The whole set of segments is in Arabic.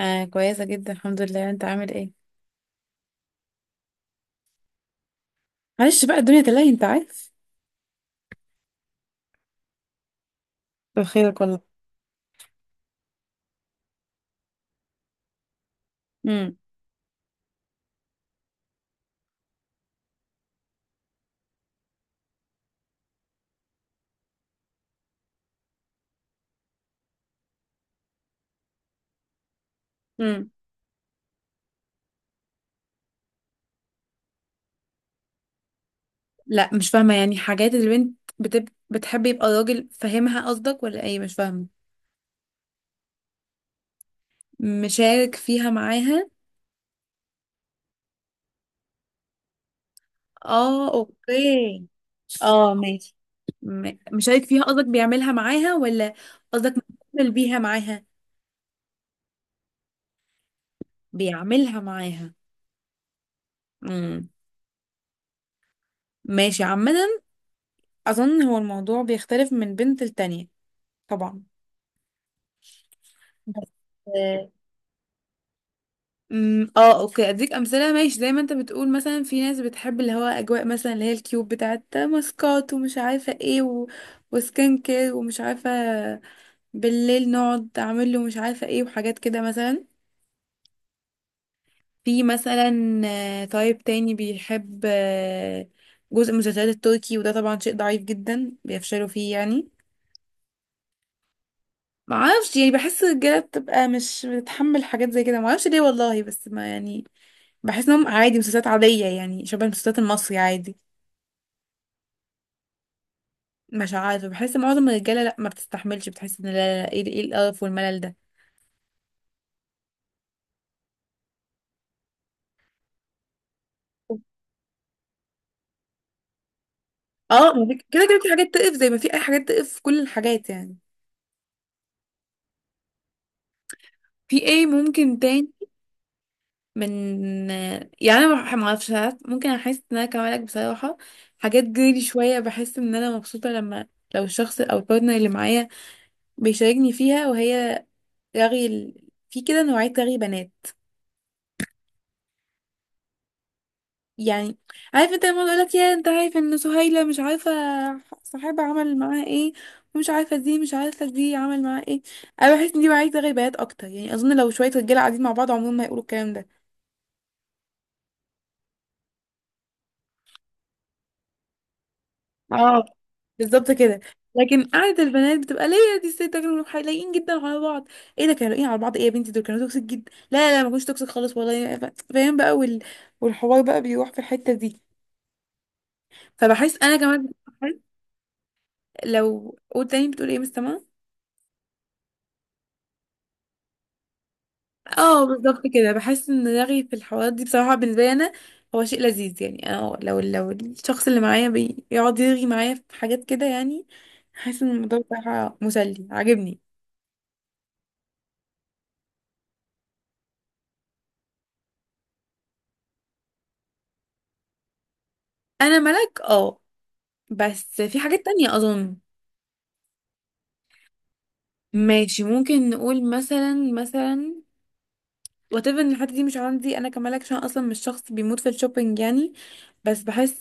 آه كويسة جدا, الحمد لله. انت عامل ايه؟ معلش بقى, الدنيا تلاهي انت عارف. بخير والله. امم امم لا, مش فاهمة يعني حاجات اللي بنت بتحب يبقى الراجل فاهمها, قصدك؟ ولا ايه؟ مش فاهمة. مشارك فيها معاها. اه اوكي. اه ماشي. مشارك فيها قصدك بيعملها معاها ولا قصدك بيعمل بيها معاها بيعملها معاها. امم ماشي عامة. اظن هو الموضوع بيختلف من بنت لتانية. طبعا. بس. اه اوكي, اديك امثله ماشي. زي ما انت بتقول, مثلا في ناس بتحب اللي هو اجواء, مثلا اللي هي الكيوب بتاعت ماسكات ومش عارفه ايه وسكين كير ومش عارفه. بالليل نقعد اعمل له مش عارفه ايه وحاجات كده مثلا. في مثلا طيب, تاني بيحب جزء من المسلسلات التركي, وده طبعا شيء ضعيف جدا بيفشلوا فيه يعني. معرفش يعني, بحس الرجاله بتبقى مش بتتحمل حاجات زي كده, معرفش ليه والله بس ما يعني. بحس انهم عادي, مسلسلات عادية يعني, شبه المسلسلات المصري عادي. مش عارفه, بحس معظم الرجاله لا ما بتستحملش, بتحس ان لا لا لا، ايه ايه القرف والملل ده. اه ما في- كده كده في حاجات تقف, زي ما في اي حاجات تقف في كل الحاجات يعني. في ايه ممكن تاني؟ من. يعني انا ما اعرفش ساعات ممكن احس ان انا كمالك بصراحه. حاجات جريلي شويه, بحس ان انا مبسوطه لما لو الشخص او البارتنر اللي معايا بيشاركني فيها, وهي في كده نوعيه رغي بنات يعني. عارف انت لما يقول لك يا انت عارف ان سهيلة مش عارفة صاحبها عمل معاها ايه, ومش عارفة دي مش عارفة دي عمل معاها ايه. انا بحس ان دي عايزة غيبات اكتر يعني. اظن لو شوية رجالة قاعدين مع بعض, عمرهم ما هيقولوا الكلام ده. اه بالظبط كده. لكن قعدة البنات بتبقى ليه يا دي الست ده, كانوا لايقين جدا على بعض, ايه ده, كانوا لايقين على بعض, ايه يا بنتي دول كانوا توكسيك جدا, لا لا لا, ما كانوش توكسيك خالص والله, فاهم بقى, والحوار بقى بيروح في الحتة دي. فبحس انا كمان, لو قول تاني بتقول ايه مستمع. اه بالظبط كده. بحس ان رغي في الحوارات دي بصراحة بالنسبة لي انا هو شيء لذيذ يعني. انا لو الشخص اللي معايا بيقعد يرغي معايا في حاجات كده يعني, حاسس ان الموضوع بصراحة مسلي, عاجبني. انا ملك اه. بس في حاجات تانية اظن. ماشي, ممكن نقول مثلا واتيفر ان الحتة دي مش عندي انا كملك, عشان اصلا مش شخص بيموت في الشوبينج يعني. بس بحس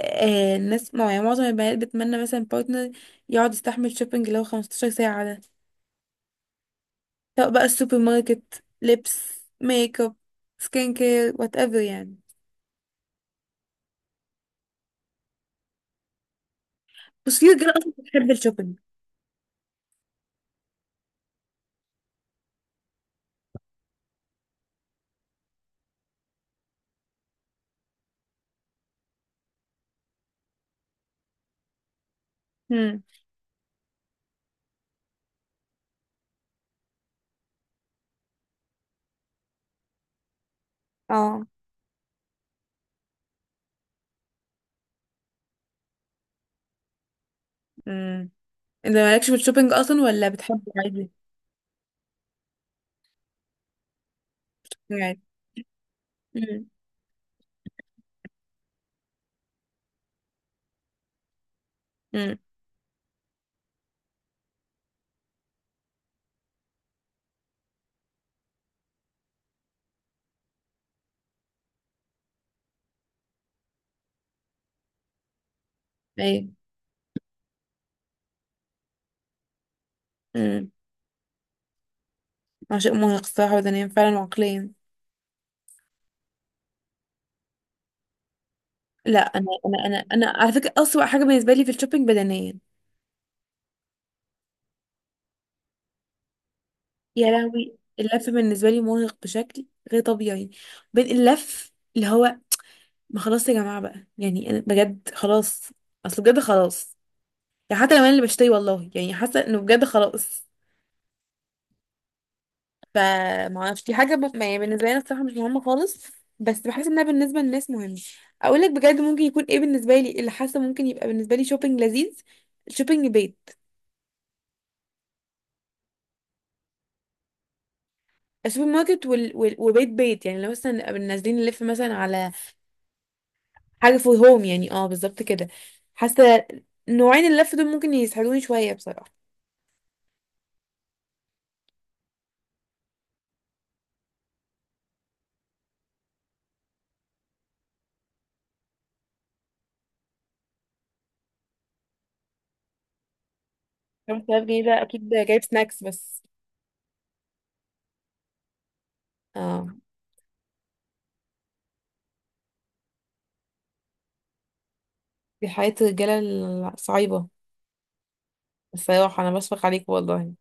الناس يعني معظم البنات بتمنى مثلا بارتنر يقعد يستحمل شوبينج لو 15 ساعة, سواء بقى السوبر ماركت, لبس, ميك اب, سكين كير, وات ايفر يعني. بس في رجاله اصلا بتحب الشوبينج. امم اه امم انت مالكش في الشوبينج اصلا ولا بتحب عادي؟ عادي. امم امم ايوه. امم عشان مرهق الصراحه بدنيا فعلا وعقليا. لا, انا على فكره اسوأ حاجه بالنسبه لي في الشوبينج بدنيا. يا لهوي, اللف بالنسبه لي مرهق بشكل غير طبيعي. بين اللف اللي هو ما خلاص يا جماعه بقى يعني, انا بجد خلاص, اصل بجد خلاص يعني. حتى لو انا اللي بشتري والله يعني حاسه انه بجد خلاص. فما اعرفش دي حاجه يعني بالنسبه لي أنا الصراحه مش مهمه خالص. بس بحس انها بالنسبه للناس مهمه. اقول لك بجد ممكن يكون ايه بالنسبه لي اللي حاسه ممكن يبقى بالنسبه لي شوبينج لذيذ. شوبينج بيت. السوبر ماركت وبيت بيت يعني. لو مثلا نبقى نازلين نلف مثلا على حاجه فور هوم يعني. اه بالظبط كده. حاسه نوعين اللف دول ممكن يسحلوني شويه بصراحه. 5000 جنيه ده اكيد جايب سناكس بس. اه, دي حياه الرجاله الصعيبه. بصراحة أنا بشفق عليك والله.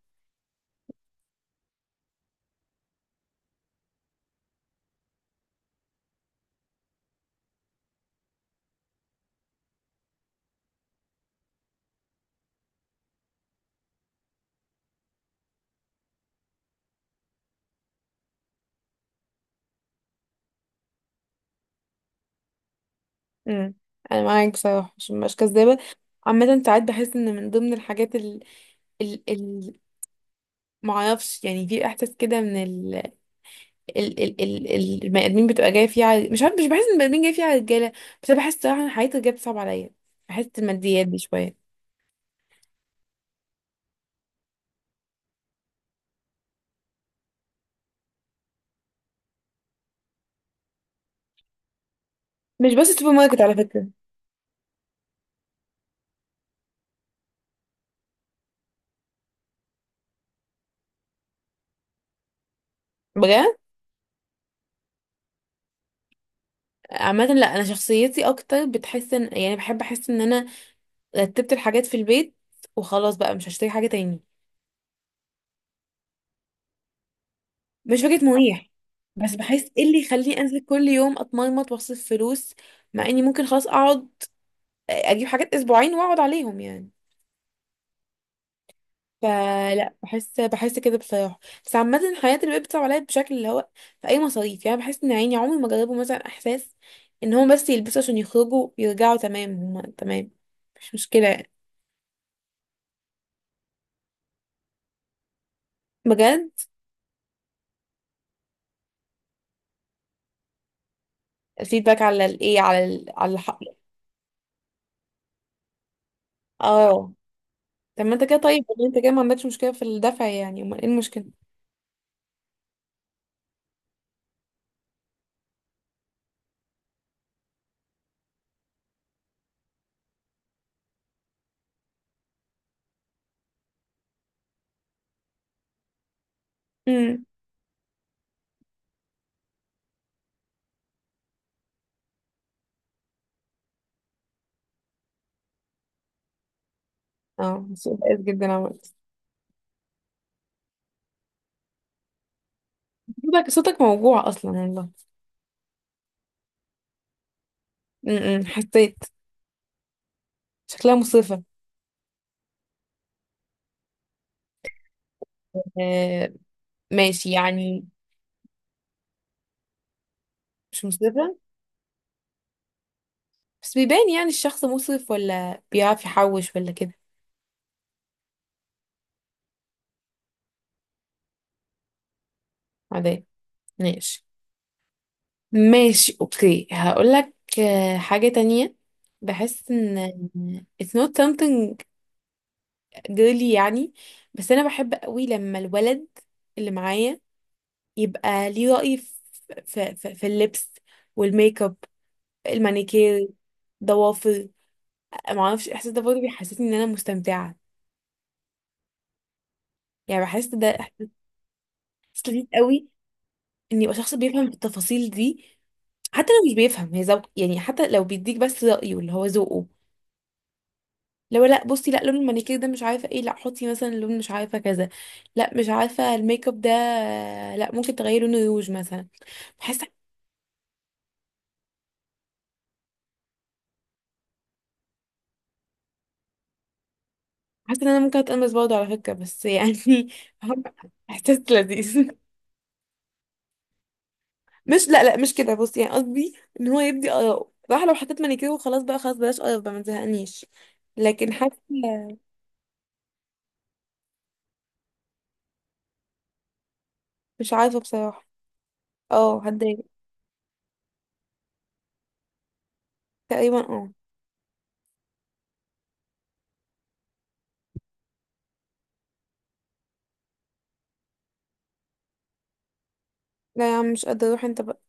امم أنا معاك بصراحة, عشان مبقاش كذابة. عامة ساعات بحس إن من ضمن الحاجات ال ال ال معرفش يعني, في إحساس كده من البني آدمين بتبقى جاية فيه على مش عارف, مش بحس إن البني آدمين جاية فيه على الرجالة. بس أنا بحس صراحة إن حياة الرجالة بتصعب عليا. بحس الماديات دي شوية. مش بس السوبر ماركت على فكرة. بجد. عامة لا, أنا شخصيتي أكتر بتحس إن يعني بحب أحس إن أنا رتبت الحاجات في البيت, وخلاص بقى مش هشتري حاجة تاني. مش فكرة مريح. بس بحس ايه اللي يخليني انزل كل يوم اتمرمط واصرف فلوس, مع اني ممكن خلاص اقعد اجيب حاجات اسبوعين واقعد عليهم يعني. فلا, بحس كده بصراحة. بس عامة الحياة اللي بقت بتصعب عليا بشكل اللي هو في اي مصاريف يعني. بحس ان عيني عمري ما جربوا مثلا احساس ان هم بس يلبسوا عشان يخرجوا يرجعوا تمام, هم تمام, مش مشكلة يعني. بجد. الفيدباك على الايه؟ على على الحق. اه طب ما انت كده طيب, ولا انت كده ما عندكش مشكلة في الدفع يعني؟ امال ايه المشكلة؟ إمم. اه, صوت بائس جدا عملت. صوتك موجوع اصلا والله. م- م، حسيت. شكلها مصرفة. آه. ماشي يعني. مش مصرفة. بس بيبان يعني الشخص مصرف ولا بيعرف يحوش ولا كده. عادي. ماشي ماشي, اوكي. هقول لك حاجة تانية. بحس ان it's not something girly يعني. بس انا بحب قوي لما الولد اللي معايا يبقى ليه رأي في في اللبس والميك اب, المانيكير, ضوافر. معرفش الاحساس ده برضه بيحسسني ان انا مستمتعه يعني. بحس ده احساس لذيذ قوي, ان يبقى شخص بيفهم التفاصيل دي. حتى لو مش بيفهم, هي ذوق يعني. حتى لو بيديك بس رأيه اللي هو ذوقه. لو لا بصي, لا لون المانيكير ده مش عارفه ايه, لا حطي مثلا لون مش عارفه كذا, لا مش عارفه الميك اب ده, لا ممكن تغيري لون الروج مثلا. بحس, حاسه ان انا ممكن اتقمص برضه على فكره بس يعني احساس لذيذ. مش, لا لا, مش كده. بص يعني قصدي ان هو يبدي اراءه بصراحه. لو حطيت مانيكير وخلاص بقى, خلاص, بلاش قرف بقى, ما تزهقنيش. لكن حاسه. مش عارفه بصراحه. اه هتضايق. تقريبا اه. لا يا عم مش قادره اروح انت بقى.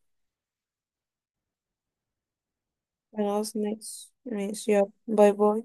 خلاص ماشي ماشي, يلا باي باي.